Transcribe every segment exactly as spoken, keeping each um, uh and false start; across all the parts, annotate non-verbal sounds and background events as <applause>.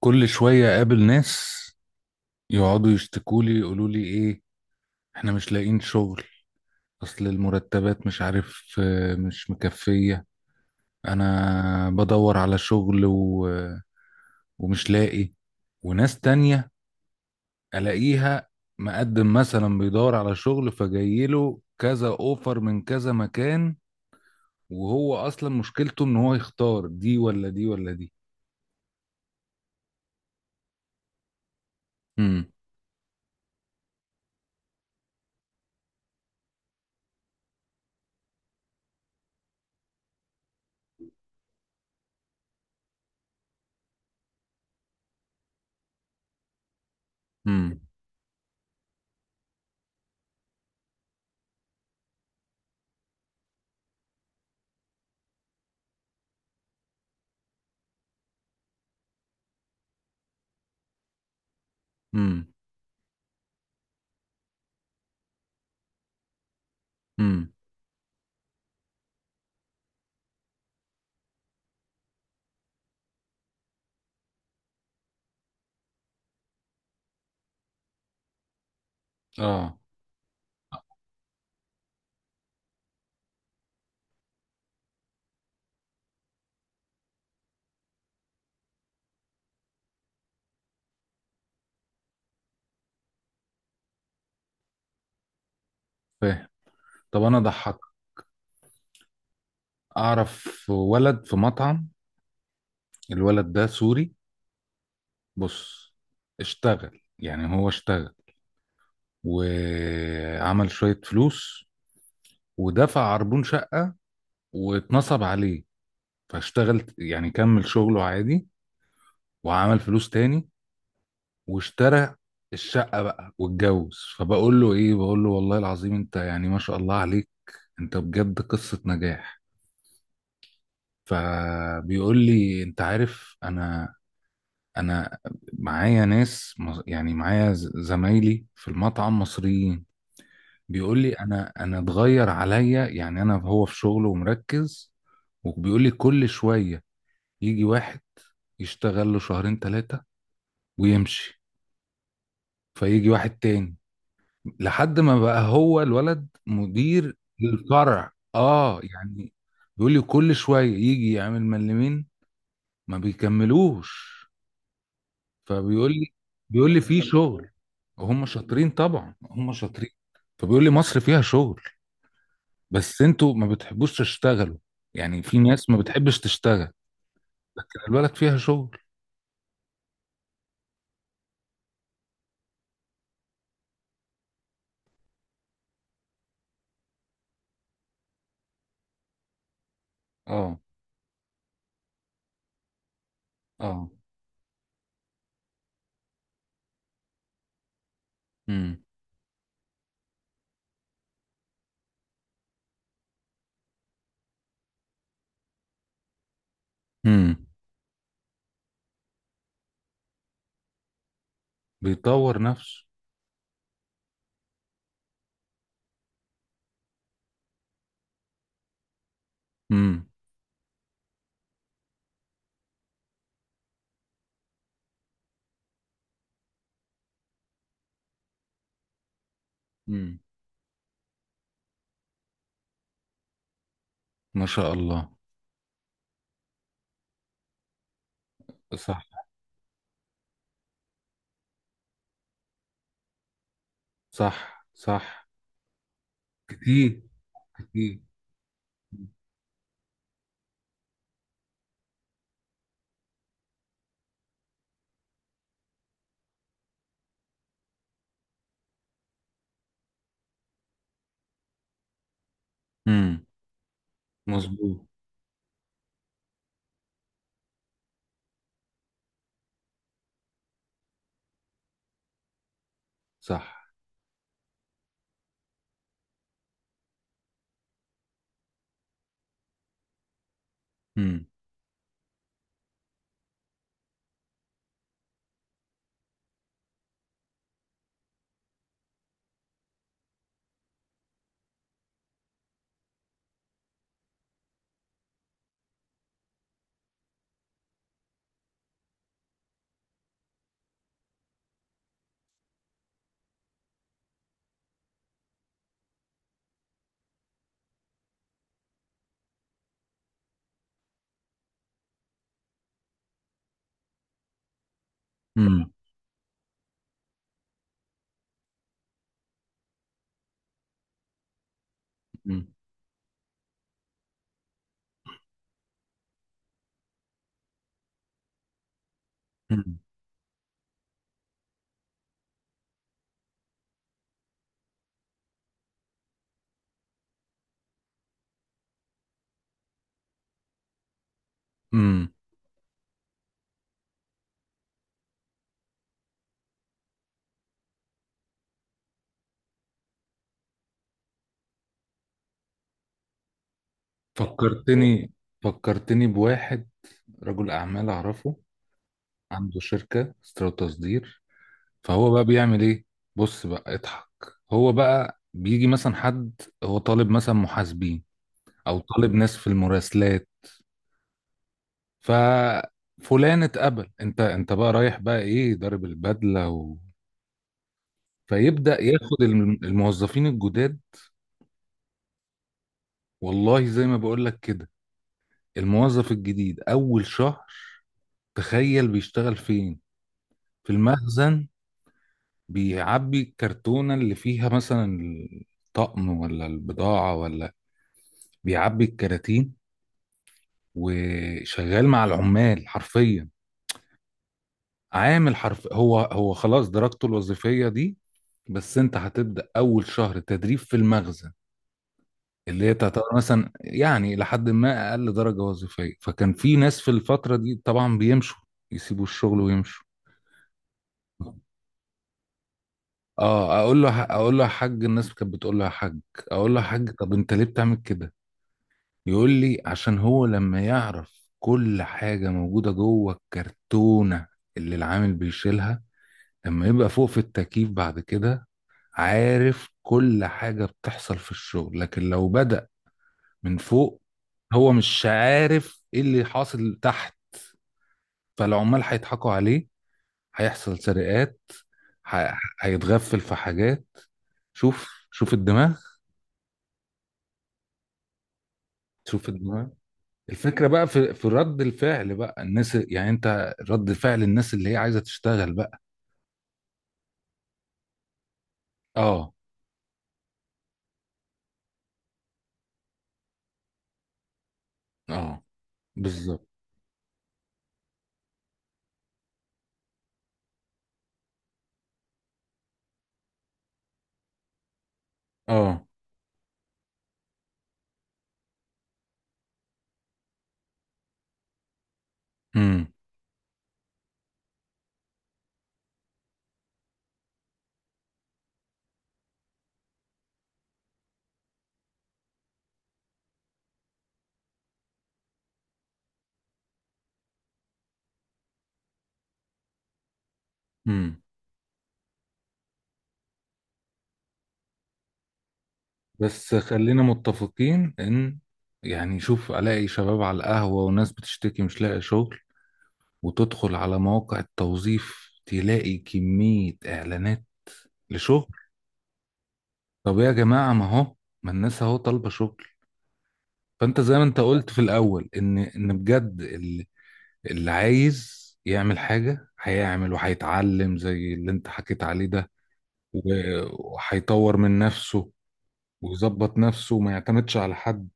كل شوية أقابل ناس يقعدوا يشتكولي يقولوا لي إيه، إحنا مش لاقيين شغل. أصل المرتبات مش عارف آه، مش مكفية. أنا بدور على شغل و... ومش لاقي. وناس تانية ألاقيها مقدم مثلا بيدور على شغل فجايله كذا أوفر من كذا مكان، وهو أصلا مشكلته إن هو يختار دي ولا دي ولا دي. امم. امم. امم. امم. آه. فاهم. طب أنا ضحك اعرف ولد في مطعم. الولد ده سوري. بص، اشتغل يعني هو اشتغل وعمل شوية فلوس ودفع عربون شقة واتنصب عليه. فاشتغل يعني كمل شغله عادي وعمل فلوس تاني واشترى الشقة بقى واتجوز. فبقول له ايه، بقول له والله العظيم انت يعني ما شاء الله عليك، انت بجد قصة نجاح. فبيقول لي انت عارف انا انا معايا ناس مص- يعني معايا ز- زمايلي في المطعم مصريين. بيقول لي انا انا اتغير عليا، يعني انا هو في شغله ومركز. وبيقول لي كل شوية يجي واحد يشتغل له شهرين ثلاثة ويمشي، فيجي واحد تاني، لحد ما بقى هو الولد مدير للفرع، اه يعني. بيقول لي كل شوية يجي يعمل ملمين ما بيكملوش. فبيقول لي بيقول لي في <laughs> شغل. هم شاطرين، طبعا هم شاطرين. فبيقول لي مصر فيها شغل بس انتوا ما بتحبوش تشتغلوا. يعني في ناس ما بتحبش تشتغل، لكن البلد فيها شغل. اه. اه. امم. امم. بيطور نفسه. امم. امم. ما شاء الله. صح. صح. صح. كتير. كتير. امم. مظبوط. صح. امم. امم. امم. امم. أمم. فكرتني فكرتني بواحد رجل اعمال اعرفه، عنده شركة استيراد تصدير. فهو بقى بيعمل ايه؟ بص بقى اضحك. هو بقى بيجي مثلا حد، هو طالب مثلا محاسبين او طالب ناس في المراسلات. ففلان اتقبل، انت انت بقى رايح بقى ايه ضارب البدلة و... فيبدأ ياخد الم- الموظفين الجداد. والله زي ما بقول لك كده، الموظف الجديد اول شهر تخيل بيشتغل فين؟ في المخزن. بيعبي الكرتونة اللي فيها مثلا الطقم ولا البضاعة ولا، بيعبي الكراتين وشغال مع العمال حرفيا. عامل حرف، هو هو خلاص درجته الوظيفية دي. بس انت هتبدأ أول شهر تدريب في المخزن، اللي هي تعتبر مثلا يعني لحد ما أقل درجة وظيفية. فكان في ناس في الفترة دي طبعا بيمشوا، يسيبوا الشغل ويمشوا. اه، اقول له اقول له يا حاج، الناس كانت بتقول له يا حاج، اقول له يا حاج، طب انت ليه بتعمل كده؟ يقول لي عشان هو لما يعرف كل حاجة موجودة جوه الكرتونة اللي العامل بيشيلها، لما يبقى فوق في التكييف بعد كده عارف كل حاجة بتحصل في الشغل. لكن لو بدأ من فوق، هو مش عارف ايه اللي حاصل تحت، فالعمال هيضحكوا عليه، هيحصل سرقات، ه- هيتغفل في حاجات. شوف شوف الدماغ. شوف الدماغ. الفكرة بقى في في رد الفعل بقى الناس، يعني انت رد فعل الناس اللي هي عايزة تشتغل بقى. اه. اه. بالظبط. اه. امم. امم. بس خلينا متفقين ان، يعني شوف، الاقي شباب على القهوة وناس بتشتكي مش لاقي شغل، وتدخل على مواقع التوظيف تلاقي كمية اعلانات لشغل. طب يا جماعة، ما هو، ما الناس اهو طالبة شغل. فانت زي ما انت قلت في الاول ان ان بجد اللي عايز يعمل حاجة هيعمل وهيتعلم زي اللي انت حكيت عليه ده. و- وهيطور من نفسه، ويظبط نفسه وما يعتمدش على حد.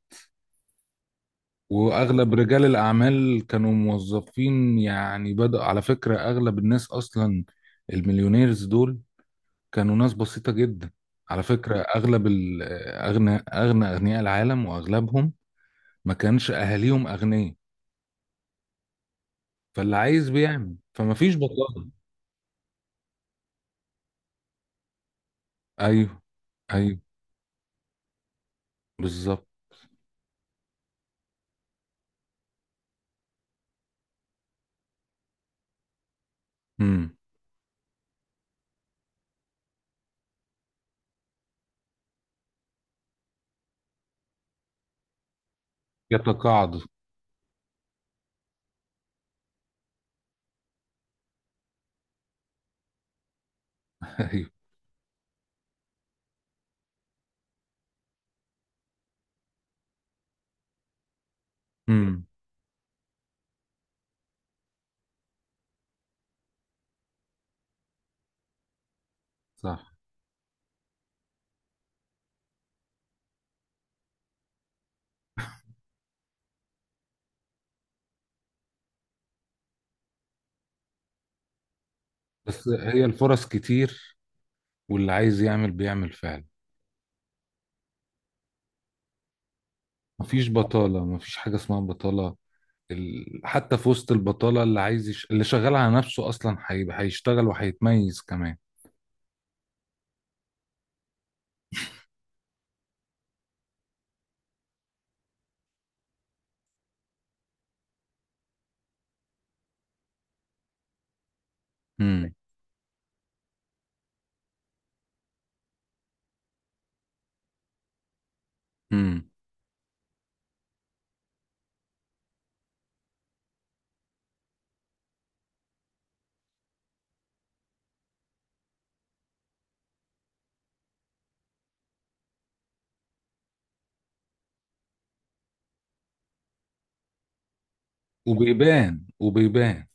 واغلب رجال الاعمال كانوا موظفين، يعني بدأ، على فكرة اغلب الناس اصلا، المليونيرز دول، كانوا ناس بسيطة جدا. على فكرة اغلب ال- اغنى اغنى اغنياء العالم واغلبهم ما كانش اهاليهم اغنياء. فاللي عايز بيعمل، فما فيش بطاله. ايوه. ايوه. بالظبط. يتقاعدوا. <laughs> ايوه. امم. صح. بس هي الفرص كتير، واللي عايز يعمل بيعمل فعلا. مفيش بطالة، مفيش حاجة اسمها بطالة. ال... حتى في وسط البطالة، اللي عايز يش... اللي شغال على نفسه أصلا هي... هيشتغل وهيتميز كمان. امم. امم. وبيبان. وبيبان.